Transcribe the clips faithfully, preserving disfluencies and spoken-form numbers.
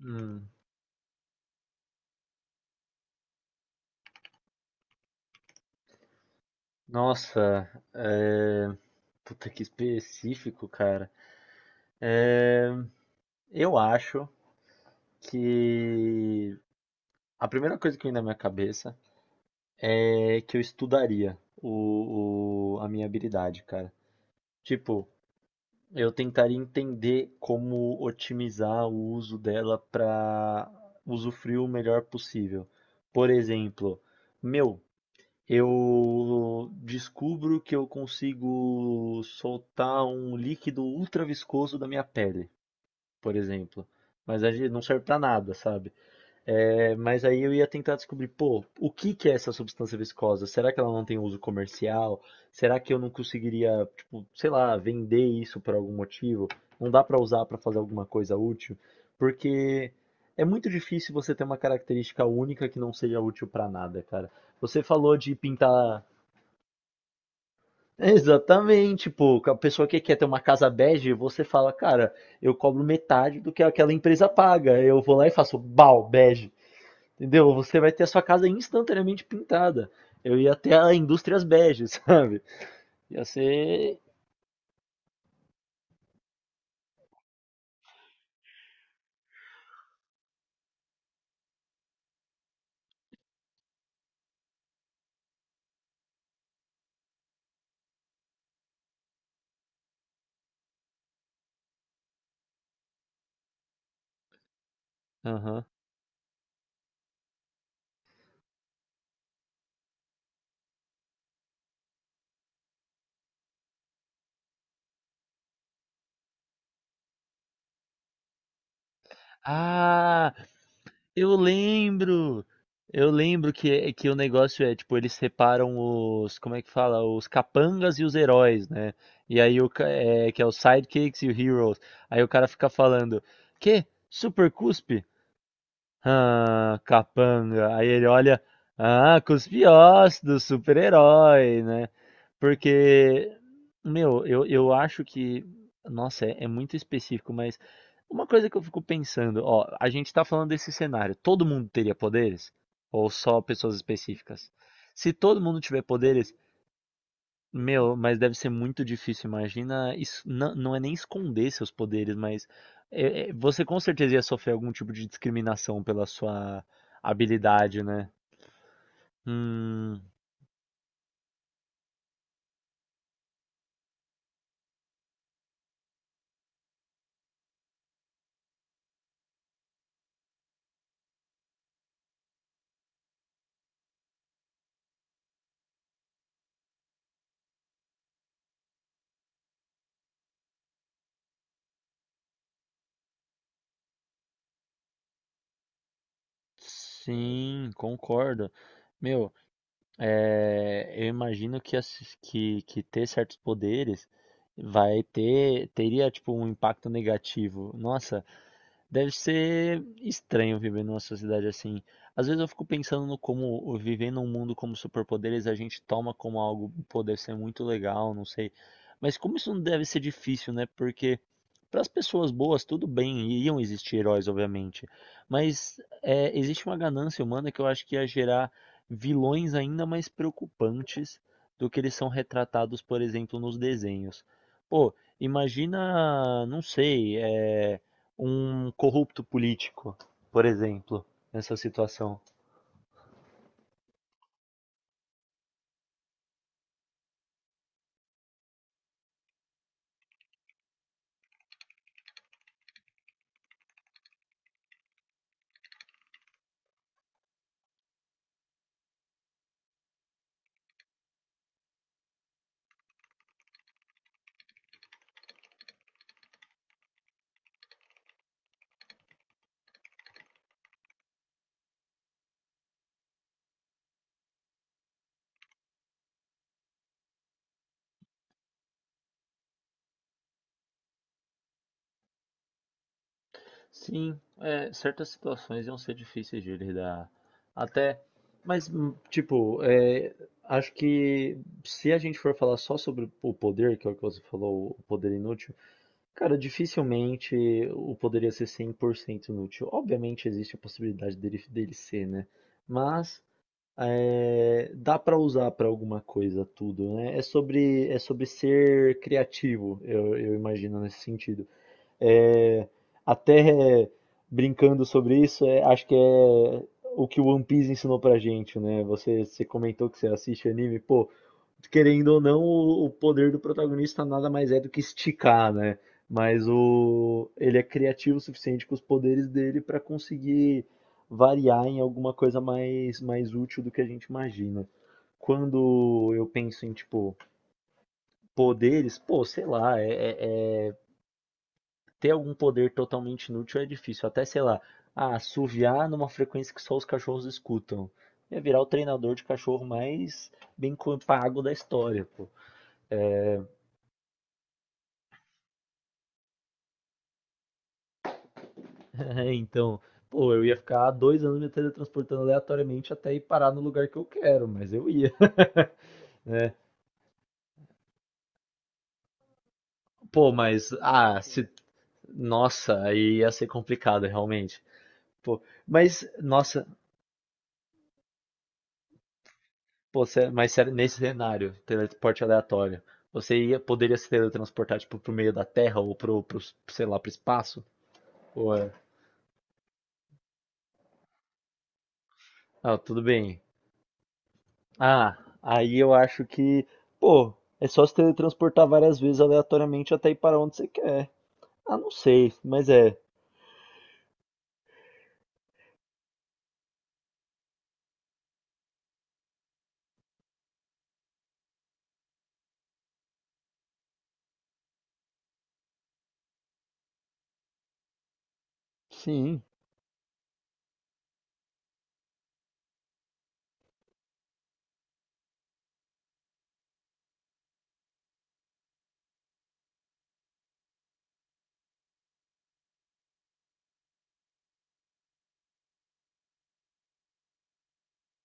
Hum, nossa, é... Puta que específico, cara. É, eu acho que a primeira coisa que vem na minha cabeça é que eu estudaria o, o- a minha habilidade, cara. Tipo, eu tentaria entender como otimizar o uso dela para usufruir o melhor possível. Por exemplo, meu, eu descubro que eu consigo soltar um líquido ultra viscoso da minha pele, por exemplo. Mas aí não serve pra nada, sabe? É, mas aí eu ia tentar descobrir, pô, o que que é essa substância viscosa? Será que ela não tem uso comercial? Será que eu não conseguiria, tipo, sei lá, vender isso por algum motivo? Não dá pra usar pra fazer alguma coisa útil? Porque é muito difícil você ter uma característica única que não seja útil pra nada, cara. Você falou de pintar. Exatamente, pô. A pessoa que quer ter uma casa bege, você fala, cara, eu cobro metade do que aquela empresa paga. Eu vou lá e faço bal, bege. Entendeu? Você vai ter a sua casa instantaneamente pintada. Eu ia até a Indústrias Bege, sabe? Ia ser. Aham. Ah, Eu lembro! Eu lembro que, que o negócio é, tipo, eles separam os, como é que fala? Os capangas e os heróis, né? E aí o, ca- é, que é os sidekicks e os heroes. Aí o cara fica falando, que? Super Cuspe? Ah, capanga. Aí ele olha, ah, cuspe ossos do super-herói, né? Porque, Meu, eu, eu acho que, nossa, é, é muito específico, mas uma coisa que eu fico pensando, ó, a gente tá falando desse cenário, todo mundo teria poderes? Ou só pessoas específicas? Se todo mundo tiver poderes, meu, mas deve ser muito difícil. Imagina, isso, não, não é nem esconder seus poderes, mas é, é, você com certeza ia sofrer algum tipo de discriminação pela sua habilidade, né? Hum, sim, concordo. Meu, é, eu imagino que, as- que, que ter certos poderes vai ter, teria tipo um impacto negativo. Nossa, deve ser estranho viver numa sociedade assim. Às vezes eu fico pensando no como o- viver num mundo como superpoderes a gente toma como algo, pô, deve ser muito legal, não sei. Mas como isso não deve ser difícil, né? Porque para as pessoas boas, tudo bem, iriam existir heróis, obviamente. Mas é, existe uma ganância humana que eu acho que ia gerar vilões ainda mais preocupantes do que eles são retratados, por exemplo, nos desenhos. Pô, imagina, não sei, é um corrupto político, por exemplo, nessa situação. Sim, é, certas situações iam ser difíceis de lidar. Até, mas, hum, tipo, é, acho que se a gente for falar só sobre o poder, que é o que você falou, o poder inútil, cara, dificilmente o poder ia ser cem por cento inútil. Obviamente existe a possibilidade dele, dele ser, né? Mas é, dá para usar para alguma coisa tudo, né? É sobre, é sobre ser criativo, eu, eu imagino nesse sentido. É, até brincando sobre isso, é, acho que é o que o One Piece ensinou pra gente, né? Você, você comentou que você assiste anime, pô, querendo ou não, o, o poder do protagonista nada mais é do que esticar, né? Mas o, ele é criativo o suficiente com os poderes dele pra conseguir variar em alguma coisa mais, mais útil do que a gente imagina. Quando eu penso em, tipo, poderes, pô, sei lá, é, é- é ter algum poder totalmente inútil é difícil. Até, sei lá, ah, assoviar numa frequência que só os cachorros escutam. Ia virar o treinador de cachorro mais bem co- pago da história, pô. É, então, pô, eu ia ficar dois anos me teletransportando aleatoriamente até ir parar no lugar que eu quero, mas eu ia, né? Pô, mas, ah, se... Nossa, aí ia ser complicado, realmente. Pô, mas, nossa, pô, cé- mas sério, nesse cenário, teleporte aleatório, você ia, poderia se teletransportar tipo pro meio da Terra ou pro, pro, sei lá, pro espaço? Ou é... Ah, tudo bem. Ah, aí eu acho que, pô, é só se teletransportar várias vezes aleatoriamente até ir para onde você quer. Ah, não sei, mas é. Sim,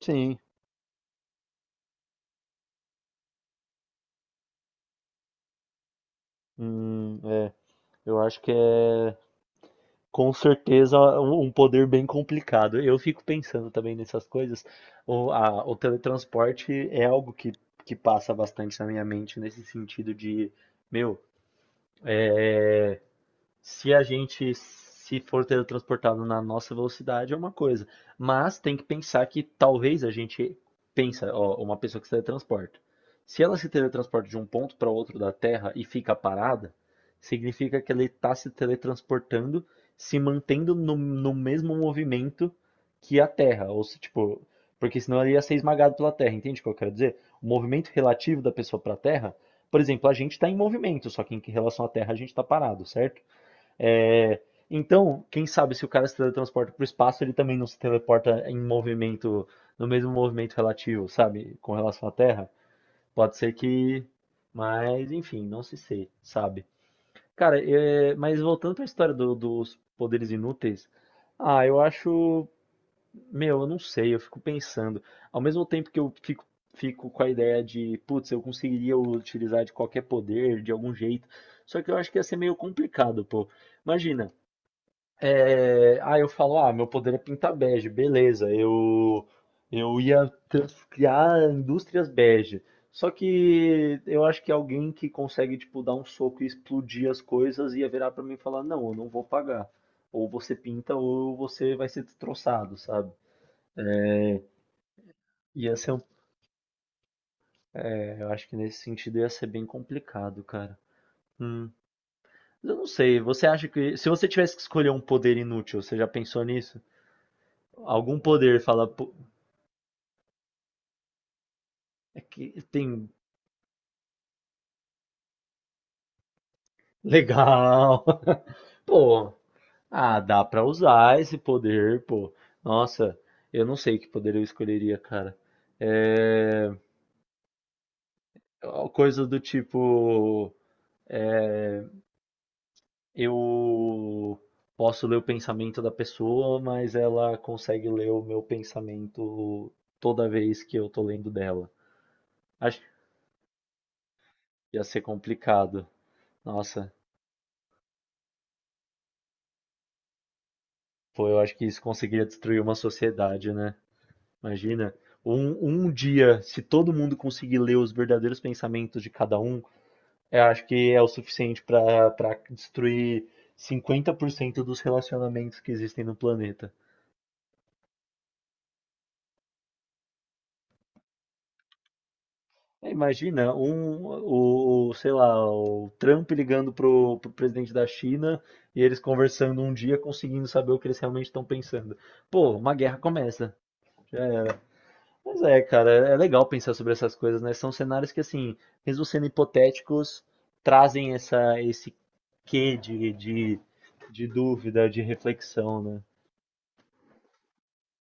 sim. Hum, é. Eu acho que é. Com certeza um um poder bem complicado. Eu fico pensando também nessas coisas. O, a- o teletransporte é algo que, que passa bastante na minha mente nesse sentido de, meu, se a gente se for teletransportado na nossa velocidade é uma coisa, mas tem que pensar que talvez a gente pensa, ó, uma pessoa que se teletransporta. Se ela se teletransporta de um ponto para outro da Terra e fica parada, significa que ela está se teletransportando, se mantendo no, no mesmo movimento que a Terra, ou se tipo, porque senão ela ia ser esmagada pela Terra, entende o que eu quero dizer? O movimento relativo da pessoa para a Terra, por exemplo, a gente está em movimento, só que em relação à Terra a gente está parado, certo? É, então, quem sabe se o cara se teletransporta para o espaço, ele também não se teleporta em movimento, no mesmo movimento relativo, sabe? Com relação à Terra. Pode ser que. Mas, enfim, não se sei, sabe? Cara, é, mas voltando para a história do- dos poderes inúteis, ah, eu acho. Meu, eu não sei, eu fico pensando. Ao mesmo tempo que eu fico, fico com a ideia de, putz, eu conseguiria utilizar de qualquer poder, de algum jeito. Só que eu acho que ia ser meio complicado, pô. Imagina. É, aí eu falo, ah, meu poder é pintar bege, beleza, eu, eu ia trans- criar indústrias bege. Só que eu acho que alguém que consegue, tipo, dar um soco e explodir as coisas ia virar pra mim e falar, não, eu não vou pagar. Ou você pinta ou você vai ser destroçado, sabe? Ia ser um... é, eu acho que nesse sentido ia ser bem complicado, cara. Hum. Eu não sei, você acha que... Se você tivesse que escolher um poder inútil, você já pensou nisso? Algum poder, fala... "Pô, é que tem legal." Pô, ah, dá pra usar esse poder, pô. Nossa, eu não sei que poder eu escolheria, cara. É... Coisa do tipo, eu posso ler o pensamento da pessoa, mas ela consegue ler o meu pensamento toda vez que eu tô lendo dela. Acho que ia ser complicado. Nossa, pô, eu acho que isso conseguiria destruir uma sociedade, né? Imagina, um, um dia, se todo mundo conseguir ler os verdadeiros pensamentos de cada um, eu acho que é o suficiente para para destruir cinquenta por cento dos relacionamentos que existem no planeta. É, imagina, um, o, o, sei lá, o Trump ligando pro, pro presidente da China e eles conversando um dia, conseguindo saber o que eles realmente estão pensando. Pô, uma guerra começa. Já era. Mas é, cara, é é legal pensar sobre essas coisas, né? São cenários que, assim, mesmo sendo hipotéticos, trazem essa, esse quê de, de, de dúvida, de reflexão, né?